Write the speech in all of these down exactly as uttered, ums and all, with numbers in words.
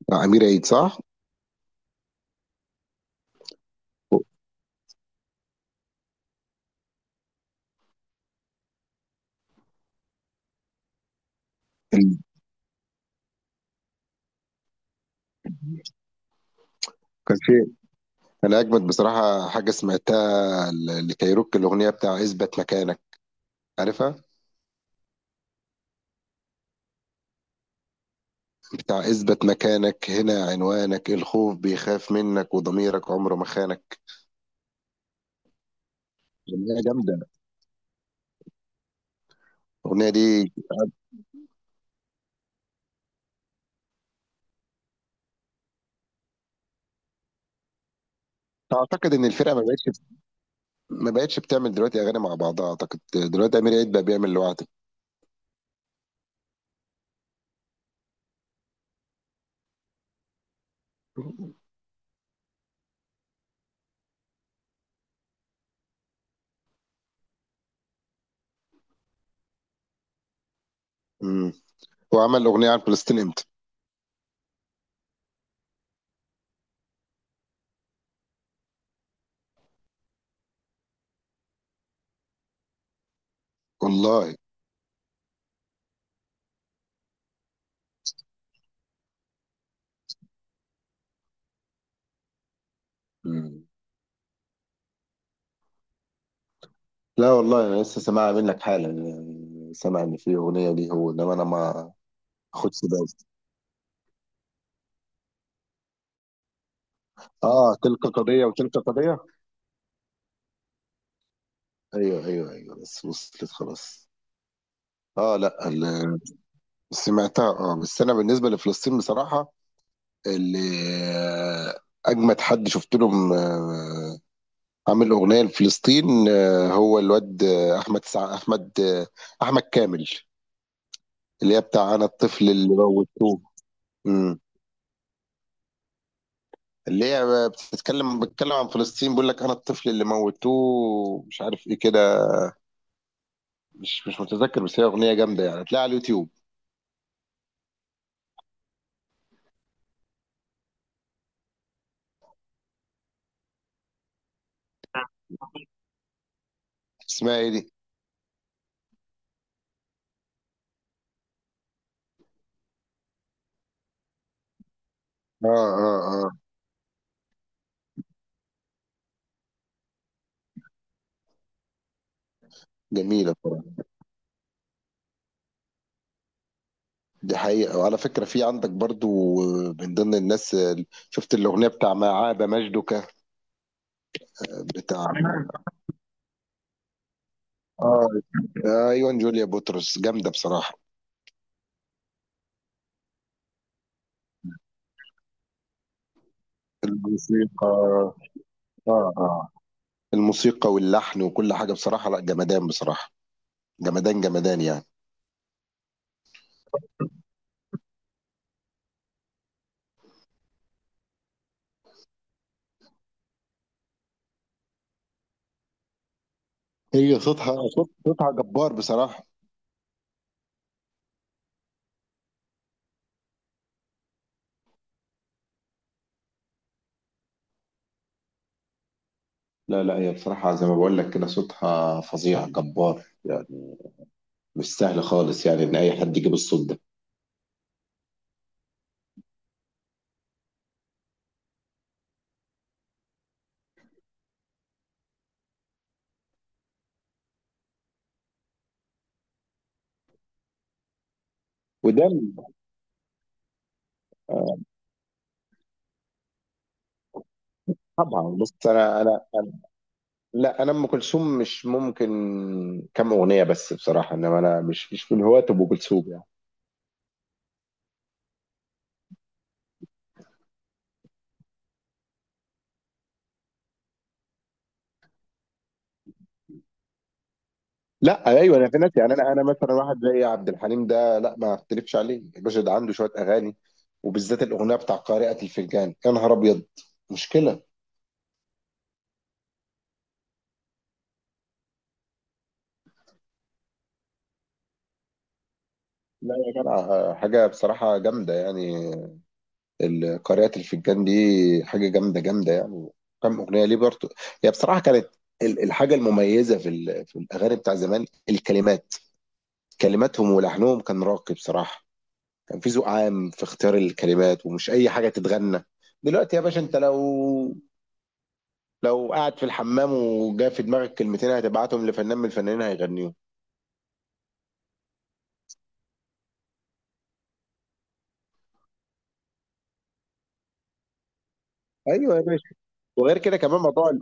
بتاع امير عيد صح؟ ال- كان في انا اجمد بصراحه حاجه سمعتها ل- لكايروكي الاغنيه بتاع اثبت مكانك، عارفها؟ بتاع اثبت مكانك هنا عنوانك، الخوف بيخاف منك وضميرك عمره ما خانك. اغنيه جامده الاغنيه دي. اعتقد ان الفرقه ما بقتش ما بقتش بتعمل دلوقتي اغاني مع بعضها، اعتقد دلوقتي امير عيد بقى بيعمل لوحده. امم هو عمل اغنيه عن فلسطين امتى؟ والله. مم. لا والله انا لسه سامعها منك حالا، يعني سامع ان في اغنيه ليه هو انما انا ما خد سباق. اه تلك قضية وتلك قضية. ايوه ايوه ايوه، بس وصلت خلاص. اه، لا ال- سمعتها اه، بس انا بالنسبة لفلسطين بصراحة، اللي آه، اجمد حد شفت لهم آه، عامل اغنية لفلسطين آه، هو الواد آه، احمد سع... احمد آه، احمد كامل، اللي هي بتاع انا الطفل اللي موتوه. امم. اللي هي بتتكلم بتتكلم عن فلسطين، بيقول لك انا الطفل اللي موتوه مش عارف ايه كده. مش مش متذكر، بس هي اغنيه جامده يعني، هتلاقيها على اليوتيوب. اسمها ايه دي؟ اه اه اه. جميلة بصراحة، دي حقيقة. وعلى فكرة في عندك برضو آه، من ضمن الناس ال- شفت الأغنية بتاع ما عاب مجدك، بتاع اه. ايوه، جوليا بطرس جامدة بصراحة. الموسيقى، اه اه، الموسيقى واللحن وكل حاجة بصراحة، لا جمدان بصراحة، جمدان جمدان يعني. هي صوتها صوت صوتها جبار بصراحة. لا لا، هي بصراحة زي ما بقول لك كده، صوتها فظيع جبار يعني، مش سهل خالص يعني إن أي حد يجيب الصوت ده. وده طبعا، بص انا انا، لا انا ام كلثوم مش ممكن، كم اغنيه بس بصراحه، انما انا مش مش من هواة ام كلثوم يعني. لا ايوه، انا في ناس يعني، انا انا مثلا واحد زي عبد الحليم ده لا ما اختلفش عليه، الباشا ده عنده شويه اغاني، وبالذات الاغنيه بتاع قارئة الفنجان، يا نهار ابيض، مشكله. لا يا جدع، حاجه بصراحه جامده يعني، ال- قارئة الفنجان دي حاجه جامده جامده يعني. كم اغنيه ليه برضه. هي بصراحه كانت ال- الحاجه المميزه في ال- في الاغاني بتاع زمان الكلمات، كلماتهم ولحنهم كان راقي بصراحة. كان في ذوق عام في اختيار الكلمات، ومش أي حاجة تتغنى. دلوقتي يا باشا أنت لو، لو قاعد في الحمام وجا في دماغك كلمتين هتبعتهم لفنان من الفنانين هيغنيهم. ايوه يا باشا. وغير كده كمان موضوع ال-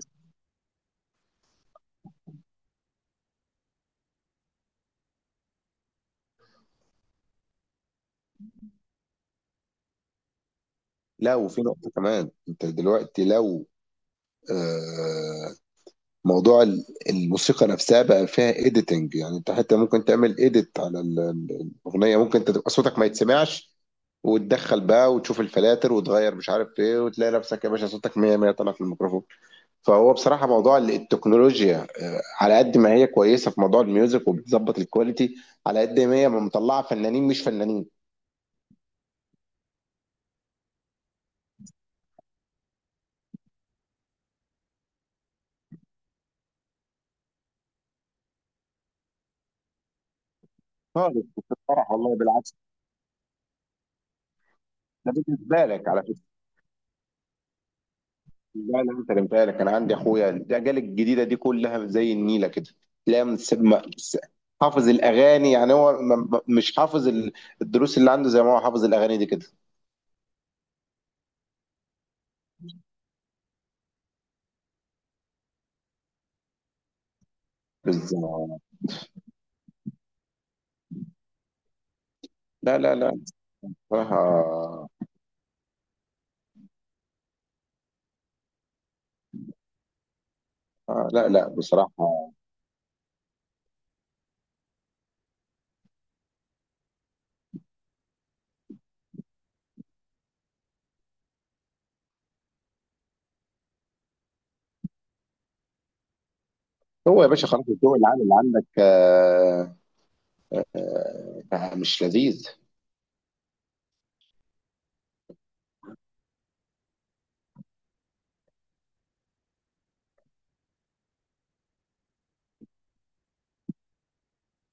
لو في نقطة كمان، انت دلوقتي لو آه موضوع ال- الموسيقى نفسها بقى فيها اديتنج، يعني انت حتى ممكن تعمل اديت على ال- ال- الاغنية، ممكن انت تبقى صوتك ما يتسمعش، وتدخل بقى وتشوف الفلاتر وتغير مش عارف ايه، وتلاقي نفسك يا باشا صوتك مية مية طالع في الميكروفون. فهو بصراحه موضوع التكنولوجيا آه، على قد ما هي كويسه في موضوع الميوزك وبتظبط الكواليتي، على قد ما هي مطلعه فنانين مش فنانين. خالص، كنت فرح والله بالعكس. ده بالنسبه لك على فكره. لا لا، انت اللي بالك، انا عندي اخويا الاجيال الجديده دي كلها زي النيله كده. لا مس- ما- مس- حافظ الاغاني، يعني هو م- م- مش حافظ ال- الدروس اللي عنده زي ما هو حافظ الاغاني دي كده. بالظبط. لا لا لا بصراحة. آه لا لا بصراحة. هو يا باشا خلاص، الجو العام اللي عندك آه آه، مش لذيذ.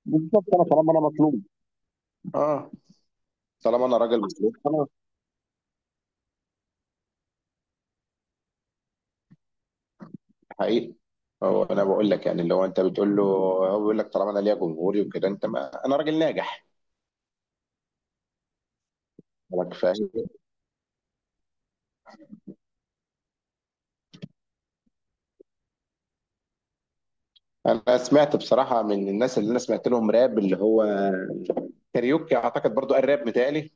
بالظبط، أنا طالما أنا مطلوب اه، طالما أنا راجل مطلوب خلاص، حقيقي. هو أنا بقول لك، يعني اللي هو أنت بتقول له، هو بيقول لك طالما أنا ليا جمهوري وكده، أنت ما أنا راجل ناجح، لك فاهم. أنا سمعت بصراحة، من الناس اللي أنا سمعت لهم راب اللي هو كاريوكي، أعتقد برضو قال راب متهيألي.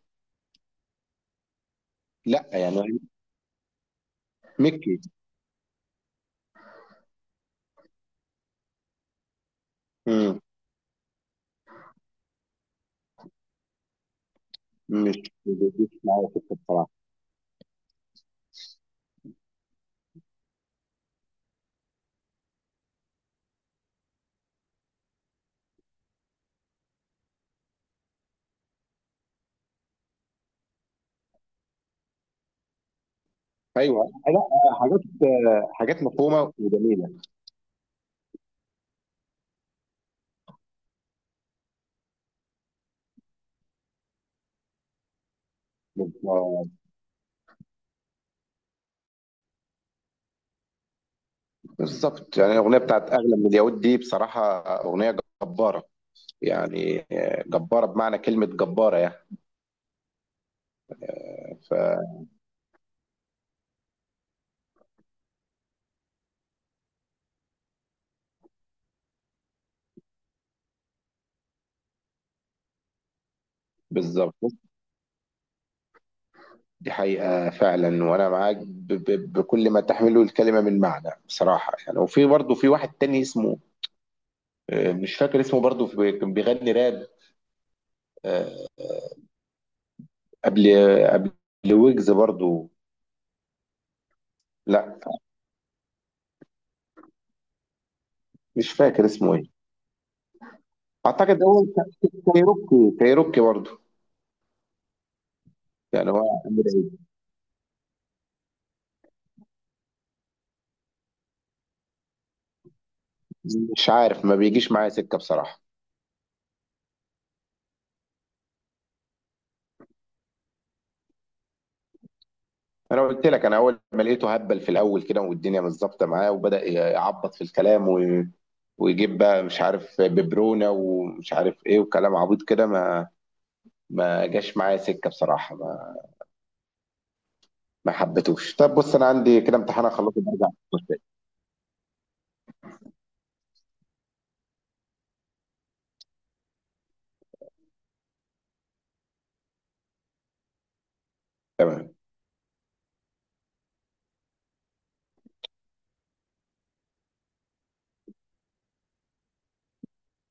لا يعني، ميكي. مم. مش بيجيش معايا سكة بصراحة. ايوه، لا. حاجات، حاجات مفهومه وجميله. بالظبط. بالظبط. يعني الاغنيه بتاعت اغلى من اليهود دي بصراحه اغنيه جباره يعني، جباره بمعنى كلمه جباره يعني. فبالظبط، دي حقيقه فعلا، وانا معاك ب- ب- بكل ما تحمله الكلمه من معنى بصراحه يعني. وفي برضه في واحد تاني اسمه آه، مش فاكر اسمه، برضه في- كان بيغني راب آه، قبل، قبل ويجز برضه. لا مش فاكر اسمه ايه، اعتقد هو ك- كايروكي كايروكي برضه، يعني هو أمير عيد. مش عارف، ما بيجيش معايا سكه بصراحه. انا قلت لك انا اول ما لقيته هبل في الاول كده، والدنيا مش ظابطه معاه، وبدا يعبط في الكلام، و... ويجيب بقى مش عارف ببرونه ومش عارف ايه وكلام عبيط كده، ما ما جاش معايا سكه بصراحه، ما ما حبيتوش. طب بص انا عندي كده امتحان اخلصه برجع. تمام.